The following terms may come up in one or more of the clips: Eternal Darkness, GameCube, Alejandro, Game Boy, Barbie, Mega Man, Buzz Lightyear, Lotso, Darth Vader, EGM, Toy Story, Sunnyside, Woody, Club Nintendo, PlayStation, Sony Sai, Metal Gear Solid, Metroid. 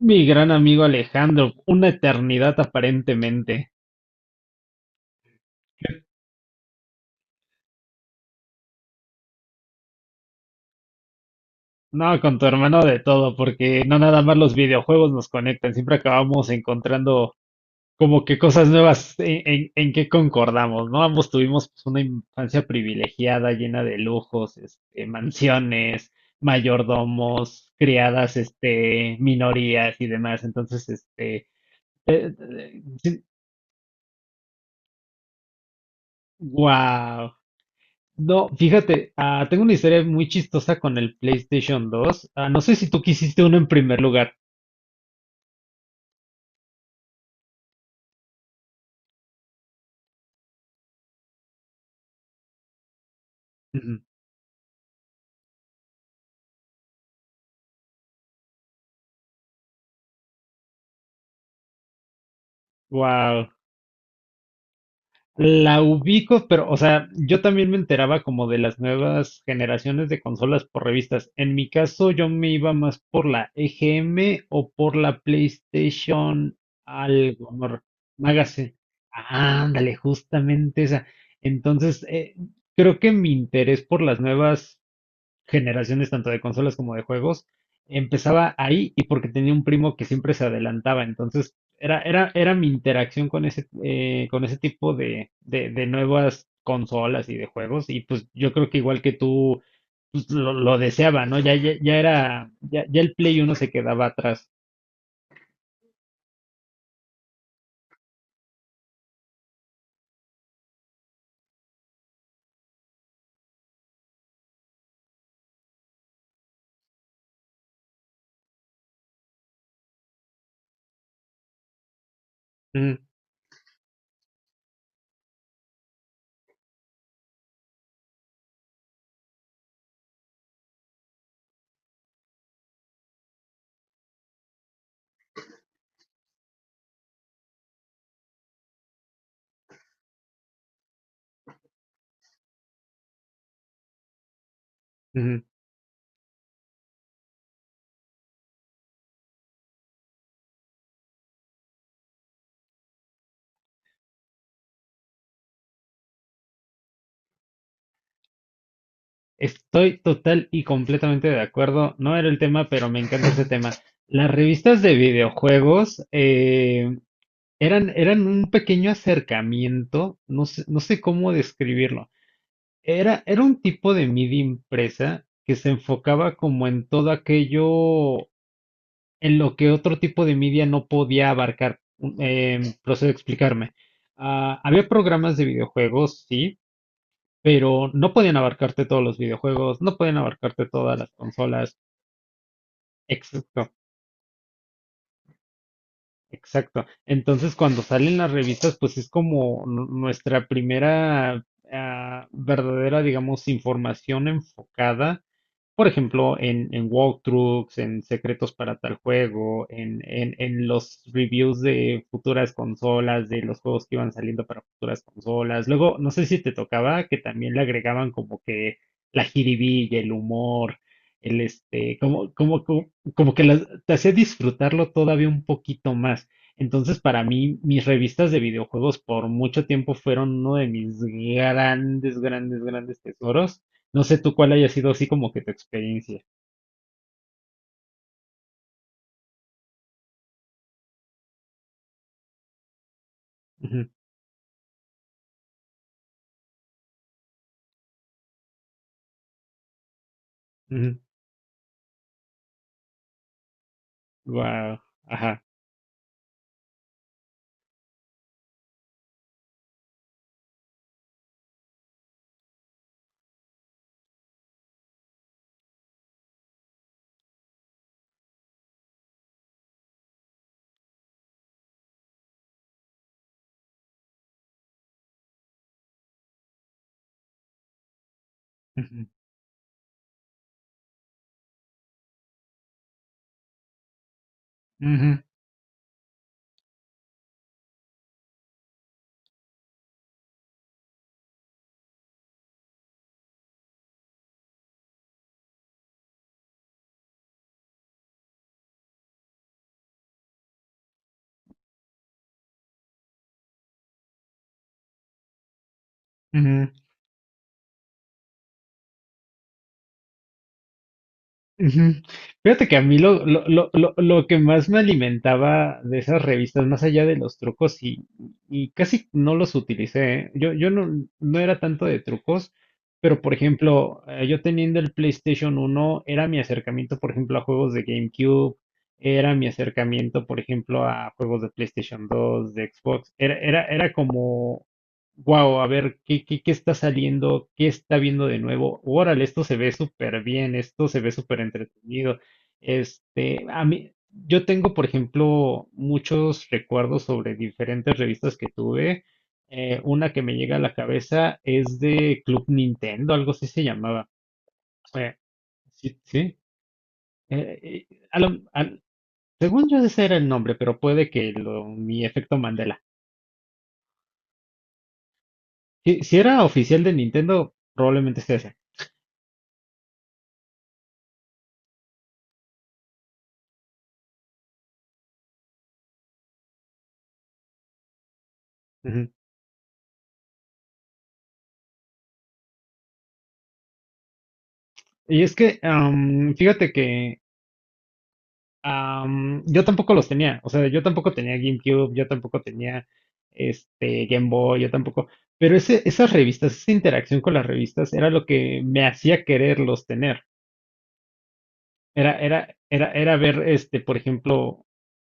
Mi gran amigo Alejandro, una eternidad aparentemente. No, con tu hermano de todo, porque no nada más los videojuegos nos conectan, siempre acabamos encontrando como que cosas nuevas en que concordamos, ¿no? Ambos tuvimos pues, una infancia privilegiada, llena de lujos, este, mansiones, mayordomos, criadas, este, minorías y demás. Entonces, este, wow. No, fíjate, tengo una historia muy chistosa con el PlayStation dos. No sé si tú quisiste uno en primer lugar. Ujú. Wow. La ubico, pero, o sea, yo también me enteraba como de las nuevas generaciones de consolas por revistas. En mi caso, yo me iba más por la EGM o por la PlayStation algo, no, Magazine. Ándale, justamente esa. Entonces, creo que mi interés por las nuevas generaciones tanto de consolas como de juegos empezaba ahí y porque tenía un primo que siempre se adelantaba, entonces era mi interacción con ese tipo de nuevas consolas y de juegos y pues yo creo que igual que tú pues, lo deseaba, ¿no? Ya era, ya el Play uno se quedaba atrás. Mm, ujú. Estoy total y completamente de acuerdo. No era el tema, pero me encanta ese tema. Las revistas de videojuegos, eran, eran un pequeño acercamiento, no sé, no sé cómo describirlo. Era un tipo de media impresa que se enfocaba como en todo aquello en lo que otro tipo de media no podía abarcar. Procedo a explicarme. Había programas de videojuegos, sí, pero no podían abarcarte todos los videojuegos, no podían abarcarte todas las consolas, etc. Exacto. Entonces, cuando salen las revistas, pues es como nuestra primera verdadera, digamos, información enfocada, por ejemplo, en walkthroughs, en secretos para tal juego, en los reviews de futuras consolas, de los juegos que iban saliendo para futuras consolas. Luego, no sé si te tocaba que también le agregaban como que la jiribilla, el humor, el este, como que te hacía disfrutarlo todavía un poquito más. Entonces, para mí, mis revistas de videojuegos por mucho tiempo fueron uno de mis grandes, grandes, grandes tesoros. No sé tú cuál haya sido así como que tu experiencia. Wow, ajá. Ujú, ujú, ujú. Ujú. Fíjate que a mí lo que más me alimentaba de esas revistas, más allá de los trucos, y casi no los utilicé, ¿eh? Yo no, no era tanto de trucos, pero por ejemplo, yo teniendo el PlayStation uno era mi acercamiento, por ejemplo, a juegos de GameCube, era mi acercamiento, por ejemplo, a juegos de PlayStation dos, de Xbox, era como wow, a ver, ¿ qué está saliendo? ¿Qué está viendo de nuevo? Órale, esto se ve súper bien, esto se ve súper entretenido. Este, a mí, yo tengo, por ejemplo, muchos recuerdos sobre diferentes revistas que tuve. Una que me llega a la cabeza es de Club Nintendo, algo así se llamaba. Eh, sí, sí. eh, eh, a lo- al- Según yo ese era el nombre, pero puede que lo, mi efecto Mandela. Si, si era oficial de Nintendo, probablemente sea ese. Y es que, fíjate que yo tampoco los tenía, o sea, yo tampoco tenía GameCube, yo tampoco tenía este Game Boy, yo tampoco, pero ese, esas revistas, esa interacción con las revistas era lo que me hacía quererlos tener. Era ver, este, por ejemplo,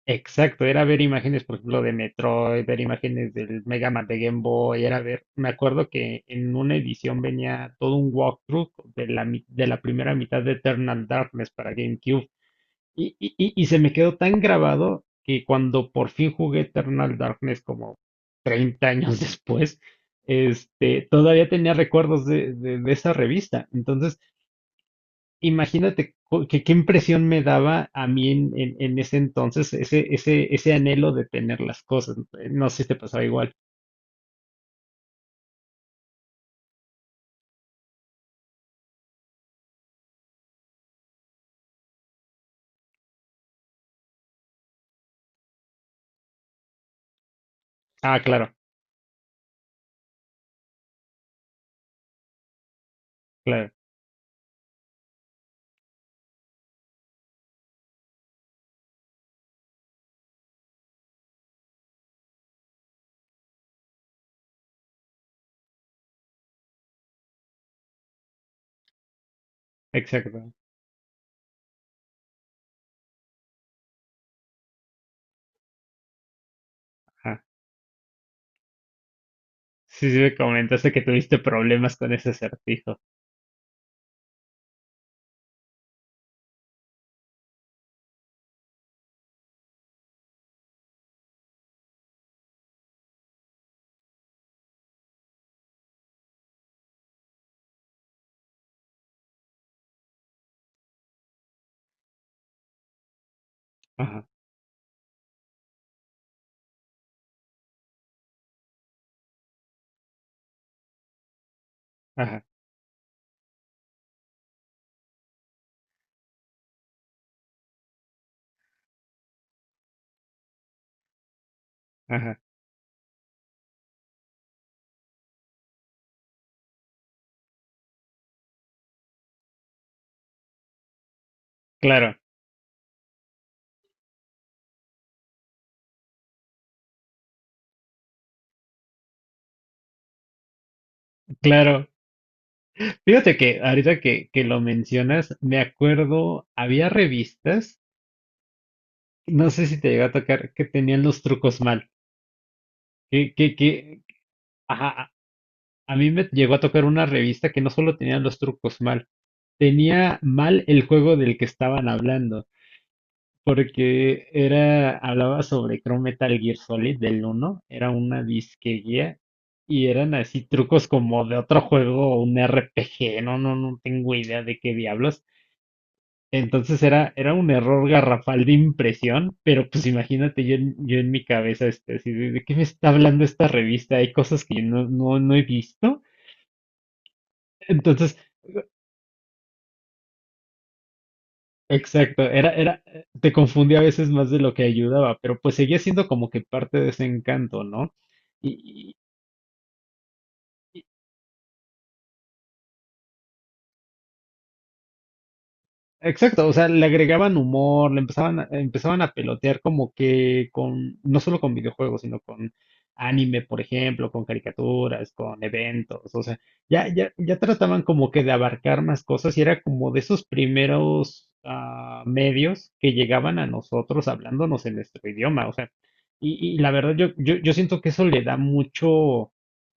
exacto, era ver imágenes, por ejemplo, de Metroid, ver imágenes del Mega Man de Game Boy, era ver, me acuerdo que en una edición venía todo un walkthrough de de la primera mitad de Eternal Darkness para GameCube. Y se me quedó tan grabado que cuando por fin jugué Eternal Darkness como 30 años después, este, todavía tenía recuerdos de esa revista. Entonces, imagínate qué impresión me daba a mí en ese entonces ese, ese anhelo de tener las cosas. No sé si te pasaba igual. Ah, claro, claro, exacto. Ajá. Sí, sí, me comentaste que tuviste problemas con ese acertijo. Ajá, ajá, ajá. Claro, claro. Fíjate que ahorita que lo mencionas, me acuerdo, había revistas, no sé si te llegó a tocar, que tenían los trucos mal. Que, ajá, a mí me llegó a tocar una revista que no solo tenía los trucos mal, tenía mal el juego del que estaban hablando, porque era, hablaba sobre creo Metal Gear Solid del uno, era una disque guía, y eran así trucos como de otro juego, un RPG. No, no, no tengo idea de qué diablos. Entonces era, era un error garrafal de impresión, pero pues imagínate yo en mi cabeza, este, así ¿de qué me está hablando esta revista? Hay cosas que yo no, no, no he visto. Entonces, exacto, te confundía a veces más de lo que ayudaba, pero pues seguía siendo como que parte de ese encanto, ¿no? Exacto, o sea, le agregaban humor, le empezaban a, empezaban a pelotear como que con, no solo con videojuegos, sino con anime, por ejemplo, con caricaturas, con eventos, o sea, ya trataban como que de abarcar más cosas y era como de esos primeros medios que llegaban a nosotros hablándonos en nuestro idioma, o sea, y la verdad yo siento que eso le da mucho,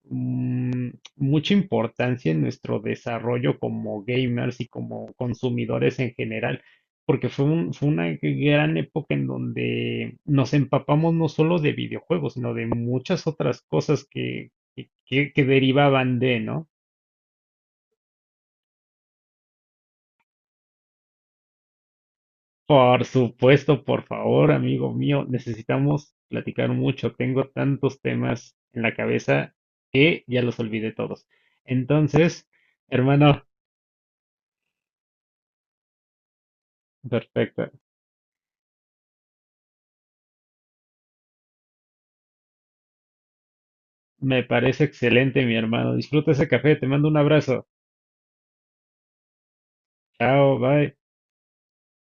mm, mucha importancia en nuestro desarrollo como gamers y como consumidores en general, porque fue una gran época en donde nos empapamos no solo de videojuegos, sino de muchas otras cosas que derivaban de, ¿no? Por supuesto, por favor, amigo mío, necesitamos platicar mucho. Tengo tantos temas en la cabeza que ya los olvidé todos. Entonces, hermano, perfecto. Me parece excelente, mi hermano. Disfruta ese café. Te mando un abrazo. Chao, bye.